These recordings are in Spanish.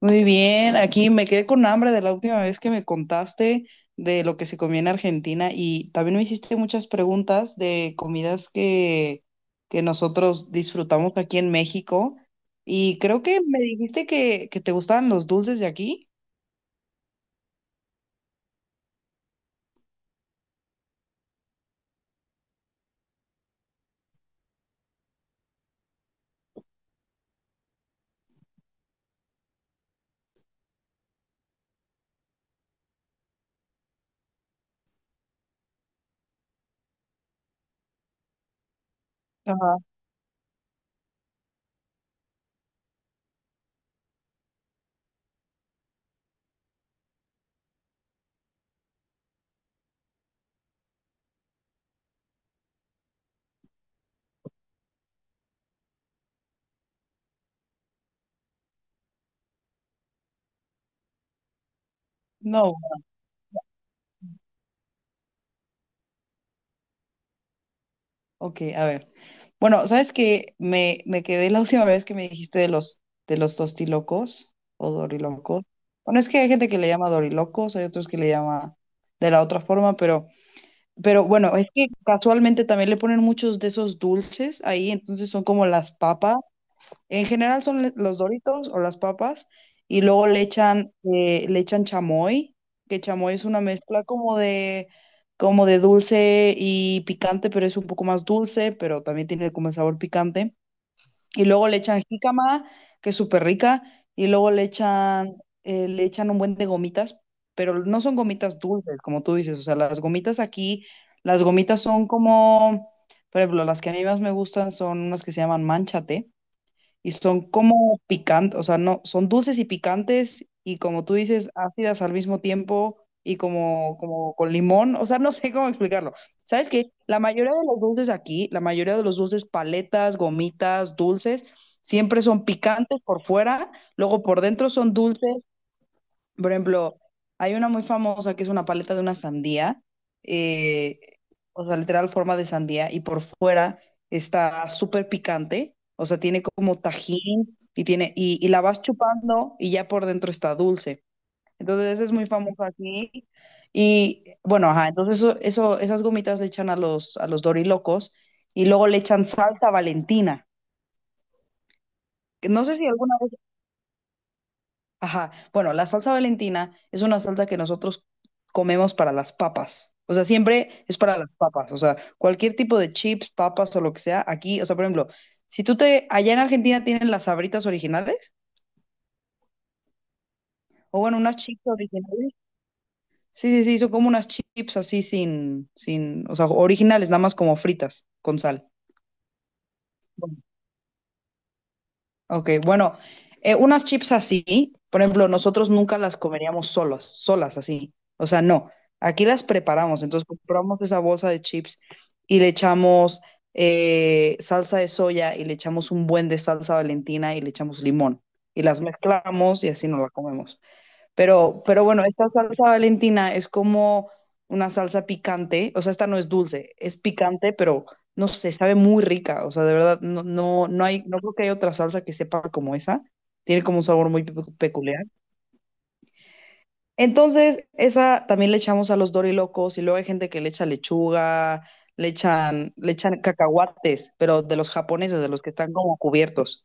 Muy bien, aquí me quedé con hambre de la última vez que me contaste de lo que se comía en Argentina y también me hiciste muchas preguntas de comidas que nosotros disfrutamos aquí en México, y creo que me dijiste que te gustaban los dulces de aquí. Ajá. No, ok, a ver. Bueno, ¿sabes que me quedé la última vez que me dijiste de de los tostilocos o dorilocos. Bueno, es que hay gente que le llama dorilocos, hay otros que le llama de la otra forma, pero... Pero bueno, es que casualmente también le ponen muchos de esos dulces ahí, entonces son como las papas. En general son los Doritos o las papas, y luego le echan chamoy, que chamoy es una mezcla como de dulce y picante, pero es un poco más dulce, pero también tiene como el sabor picante. Y luego le echan jícama, que es súper rica, y luego le echan un buen de gomitas, pero no son gomitas dulces, como tú dices, o sea, las gomitas aquí, las gomitas son como, por ejemplo, las que a mí más me gustan son unas que se llaman manchate, y son como picantes, o sea, no, son dulces y picantes y como tú dices, ácidas al mismo tiempo y como, como con limón, o sea, no sé cómo explicarlo. ¿Sabes qué? La mayoría de los dulces aquí, la mayoría de los dulces, paletas, gomitas, dulces, siempre son picantes por fuera, luego por dentro son dulces. Por ejemplo, hay una muy famosa que es una paleta de una sandía, eh, o sea, literal forma de sandía, y por fuera está súper picante, o sea, tiene como tajín y la vas chupando y ya por dentro está dulce. Entonces, esa es muy famosa aquí. Y bueno, ajá, entonces esas gomitas le echan a a los dorilocos y luego le echan salsa Valentina. Que No sé si alguna vez Ajá. Bueno, la salsa Valentina es una salsa que nosotros comemos para las papas. O sea, siempre es para las papas. O sea, cualquier tipo de chips, papas o lo que sea, aquí, o sea, por ejemplo, si allá en Argentina tienen las Sabritas originales, o bueno, unas chips originales. Sí, sí, sí, son como unas chips así sin, o sea, originales, nada más como fritas, con sal. Ok, bueno, unas chips así, por ejemplo, nosotros nunca las comeríamos solas, solas así. O sea, no. Aquí las preparamos. Entonces compramos esa bolsa de chips y le echamos salsa de soya y le echamos un buen de salsa Valentina y le echamos limón. Y las mezclamos y así nos la comemos. Pero bueno, esta salsa Valentina es como una salsa picante, o sea, esta no es dulce, es picante, pero no sé, sabe muy rica, o sea, de verdad, no hay, no creo que haya otra salsa que sepa como esa, tiene como un sabor muy peculiar. Entonces, esa también le echamos a los dorilocos y luego hay gente que le echa lechuga, le echan cacahuates, pero de los japoneses, de los que están como cubiertos.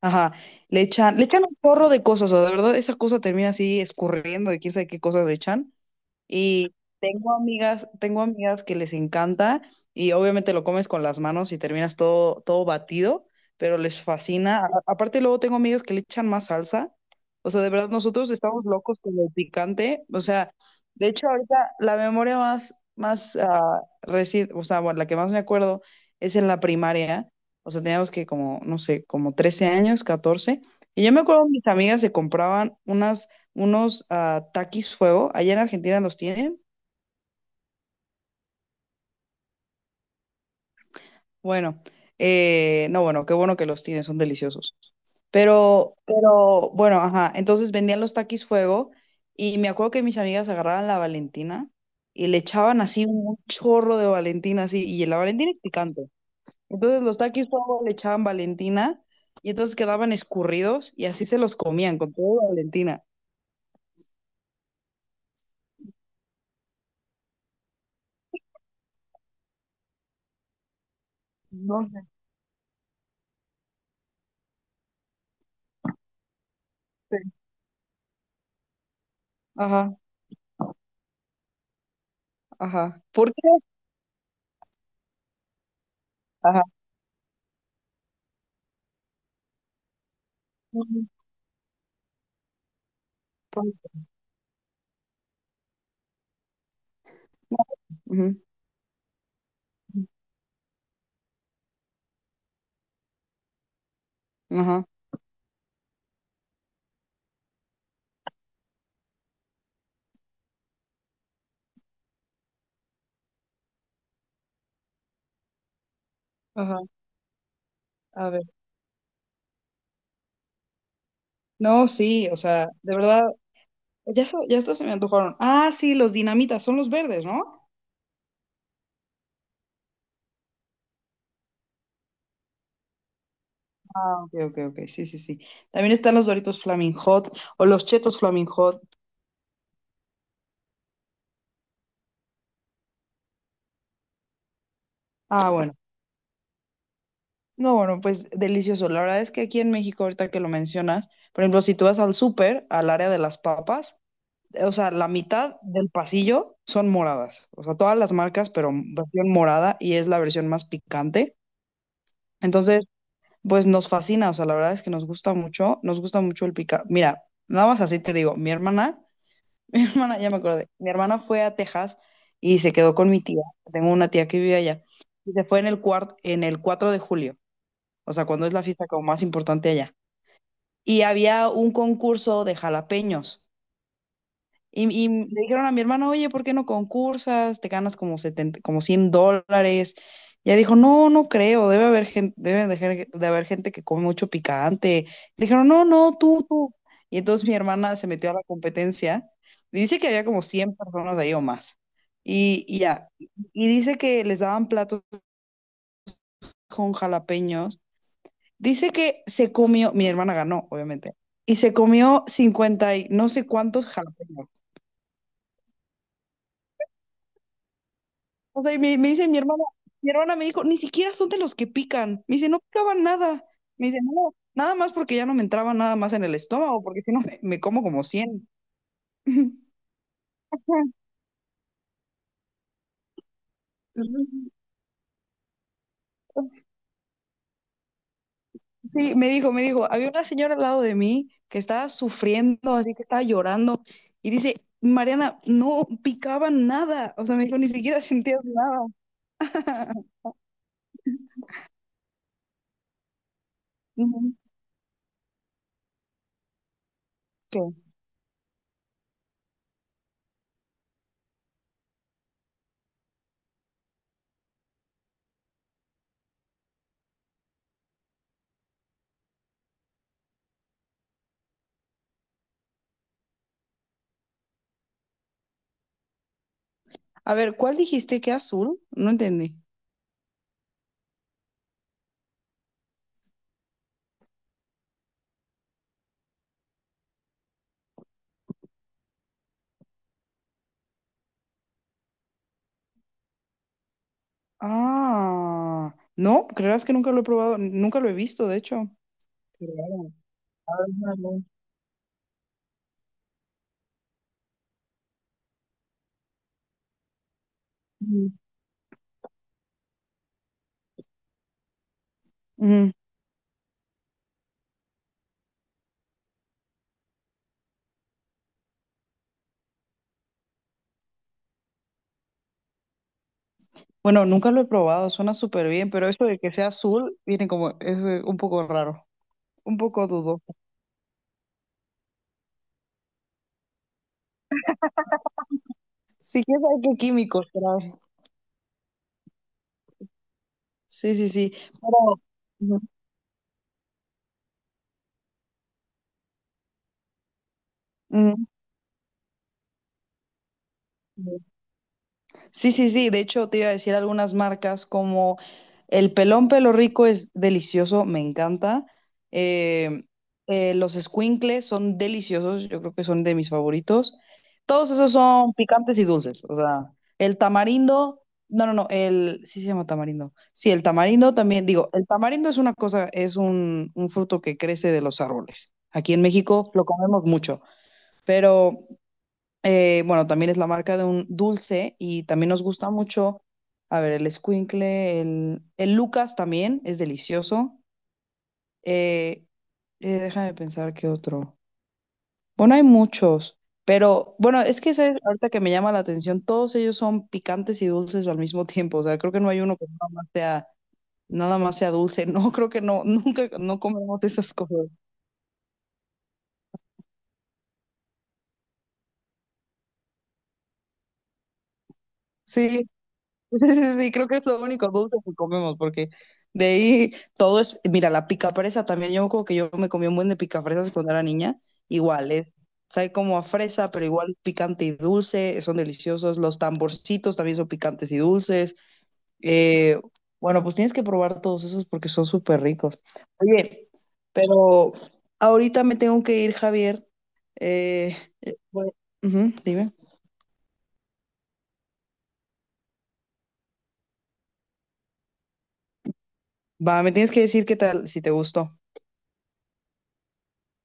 Ajá, le echan un porro de cosas, o sea, de verdad, esa cosa termina así escurriendo y quién sabe qué cosas le echan. Y tengo amigas que les encanta y obviamente lo comes con las manos y terminas todo batido, pero les fascina. A- aparte luego tengo amigas que le echan más salsa. O sea, de verdad nosotros estamos locos con el picante. O sea, de hecho ahorita la memoria más o sea, bueno, la que más me acuerdo es en la primaria. O sea, teníamos que como, no sé, como 13 años, 14. Y yo me acuerdo mis amigas se compraban unas unos taquis fuego. Allá en Argentina los tienen. Bueno, no, bueno, qué bueno que los tienen, son deliciosos. Bueno, ajá. Entonces vendían los taquis fuego y me acuerdo que mis amigas agarraban la Valentina y le echaban así un chorro de Valentina, así, y la Valentina es picante. Entonces los taquis fuego le echaban Valentina y entonces quedaban escurridos y así se los comían con todo Valentina. No sé. Ajá, ajá. ¿Por qué? Ajá. Ujú. Ajá. Ajá, a ver. No, sí, o sea, de verdad, ya, ya hasta se me antojaron. Ah, sí, los dinamitas, son los verdes, ¿no? Ah, ok, ok, ok, sí, sí, sí. También están los Doritos Flaming Hot o los Chetos Flaming Hot. Ah, bueno. No, bueno, pues delicioso. La verdad es que aquí en México, ahorita que lo mencionas, por ejemplo, si tú vas al súper, al área de las papas, o sea, la mitad del pasillo son moradas. O sea, todas las marcas, pero versión morada y es la versión más picante. Entonces, pues nos fascina, o sea, la verdad es que nos gusta mucho el pica. Mira, nada más así te digo, ya me acordé, mi hermana fue a Texas y se quedó con mi tía, tengo una tía que vive allá, y se fue en en el 4 de julio, o sea, cuando es la fiesta como más importante allá. Y había un concurso de jalapeños. Y le dijeron a mi hermana, oye, ¿por qué no concursas? Te ganas como 70, como 100 dólares. Y ella dijo, no, no creo, debe haber gente, de haber gente que come mucho picante. Le dijeron, no, no, tú. Y entonces mi hermana se metió a la competencia y dice que había como 100 personas ahí o más. Y dice que les daban platos con jalapeños. Dice que se comió, mi hermana ganó, obviamente, y se comió 50 y no sé cuántos jalapeños. O sea, me dice mi hermana me dijo, ni siquiera son de los que pican. Me dice, no picaban nada. Me dice, no, nada más porque ya no me entraba nada más en el estómago, porque si no me como como 100. Sí, me dijo, había una señora al lado de mí que estaba sufriendo, así que estaba llorando, y dice, Mariana, no picaban nada. O sea, me dijo, ni siquiera sentías nada. Ujú. ¿Qué? A ver, ¿cuál dijiste que azul? No entendí. Ah, no, creerás que nunca lo he probado, nunca lo he visto, de hecho. Qué raro. Ábrelo. Mm. Ujú. Bueno, nunca lo he probado, suena súper bien, pero eso de que sea azul viene como, es un poco raro, un poco dudo. Sí, quién sabe qué químicos trae. Sí, sí, sí. Pero, ujú, ujú. Sí, sí, sí. De hecho, te iba a decir algunas marcas como el pelón pelo rico es delicioso, me encanta. Eh, los escuincles son deliciosos, yo creo que son de mis favoritos. Todos esos son picantes y dulces. O sea, el tamarindo, no, no, no, el, sí se llama tamarindo. Sí, el tamarindo también, digo, el tamarindo es una cosa, es un fruto que crece de los árboles. Aquí en México lo comemos mucho, pero bueno, también es la marca de un dulce y también nos gusta mucho, a ver, el escuincle, el Lucas también es delicioso. Eh, déjame pensar qué otro. Bueno, hay muchos, pero bueno, es que ¿sabes? Ahorita que me llama la atención, todos ellos son picantes y dulces al mismo tiempo. O sea, creo que no hay uno que nada más sea dulce. No, creo que no, nunca, no comemos esas cosas. Sí, sí, sí, sí, creo que es lo único dulce que comemos, porque de ahí todo es, mira, la picafresa también, yo como que yo me comí un buen de picafresas cuando era niña, igual, es, sabe como a fresa, pero igual picante y dulce, son deliciosos, los tamborcitos también son picantes y dulces, eh, bueno, pues tienes que probar todos esos porque son súper ricos. Oye, pero ahorita me tengo que ir, Javier, eh, bueno, ujú, dime, va, me tienes que decir qué tal, si te gustó.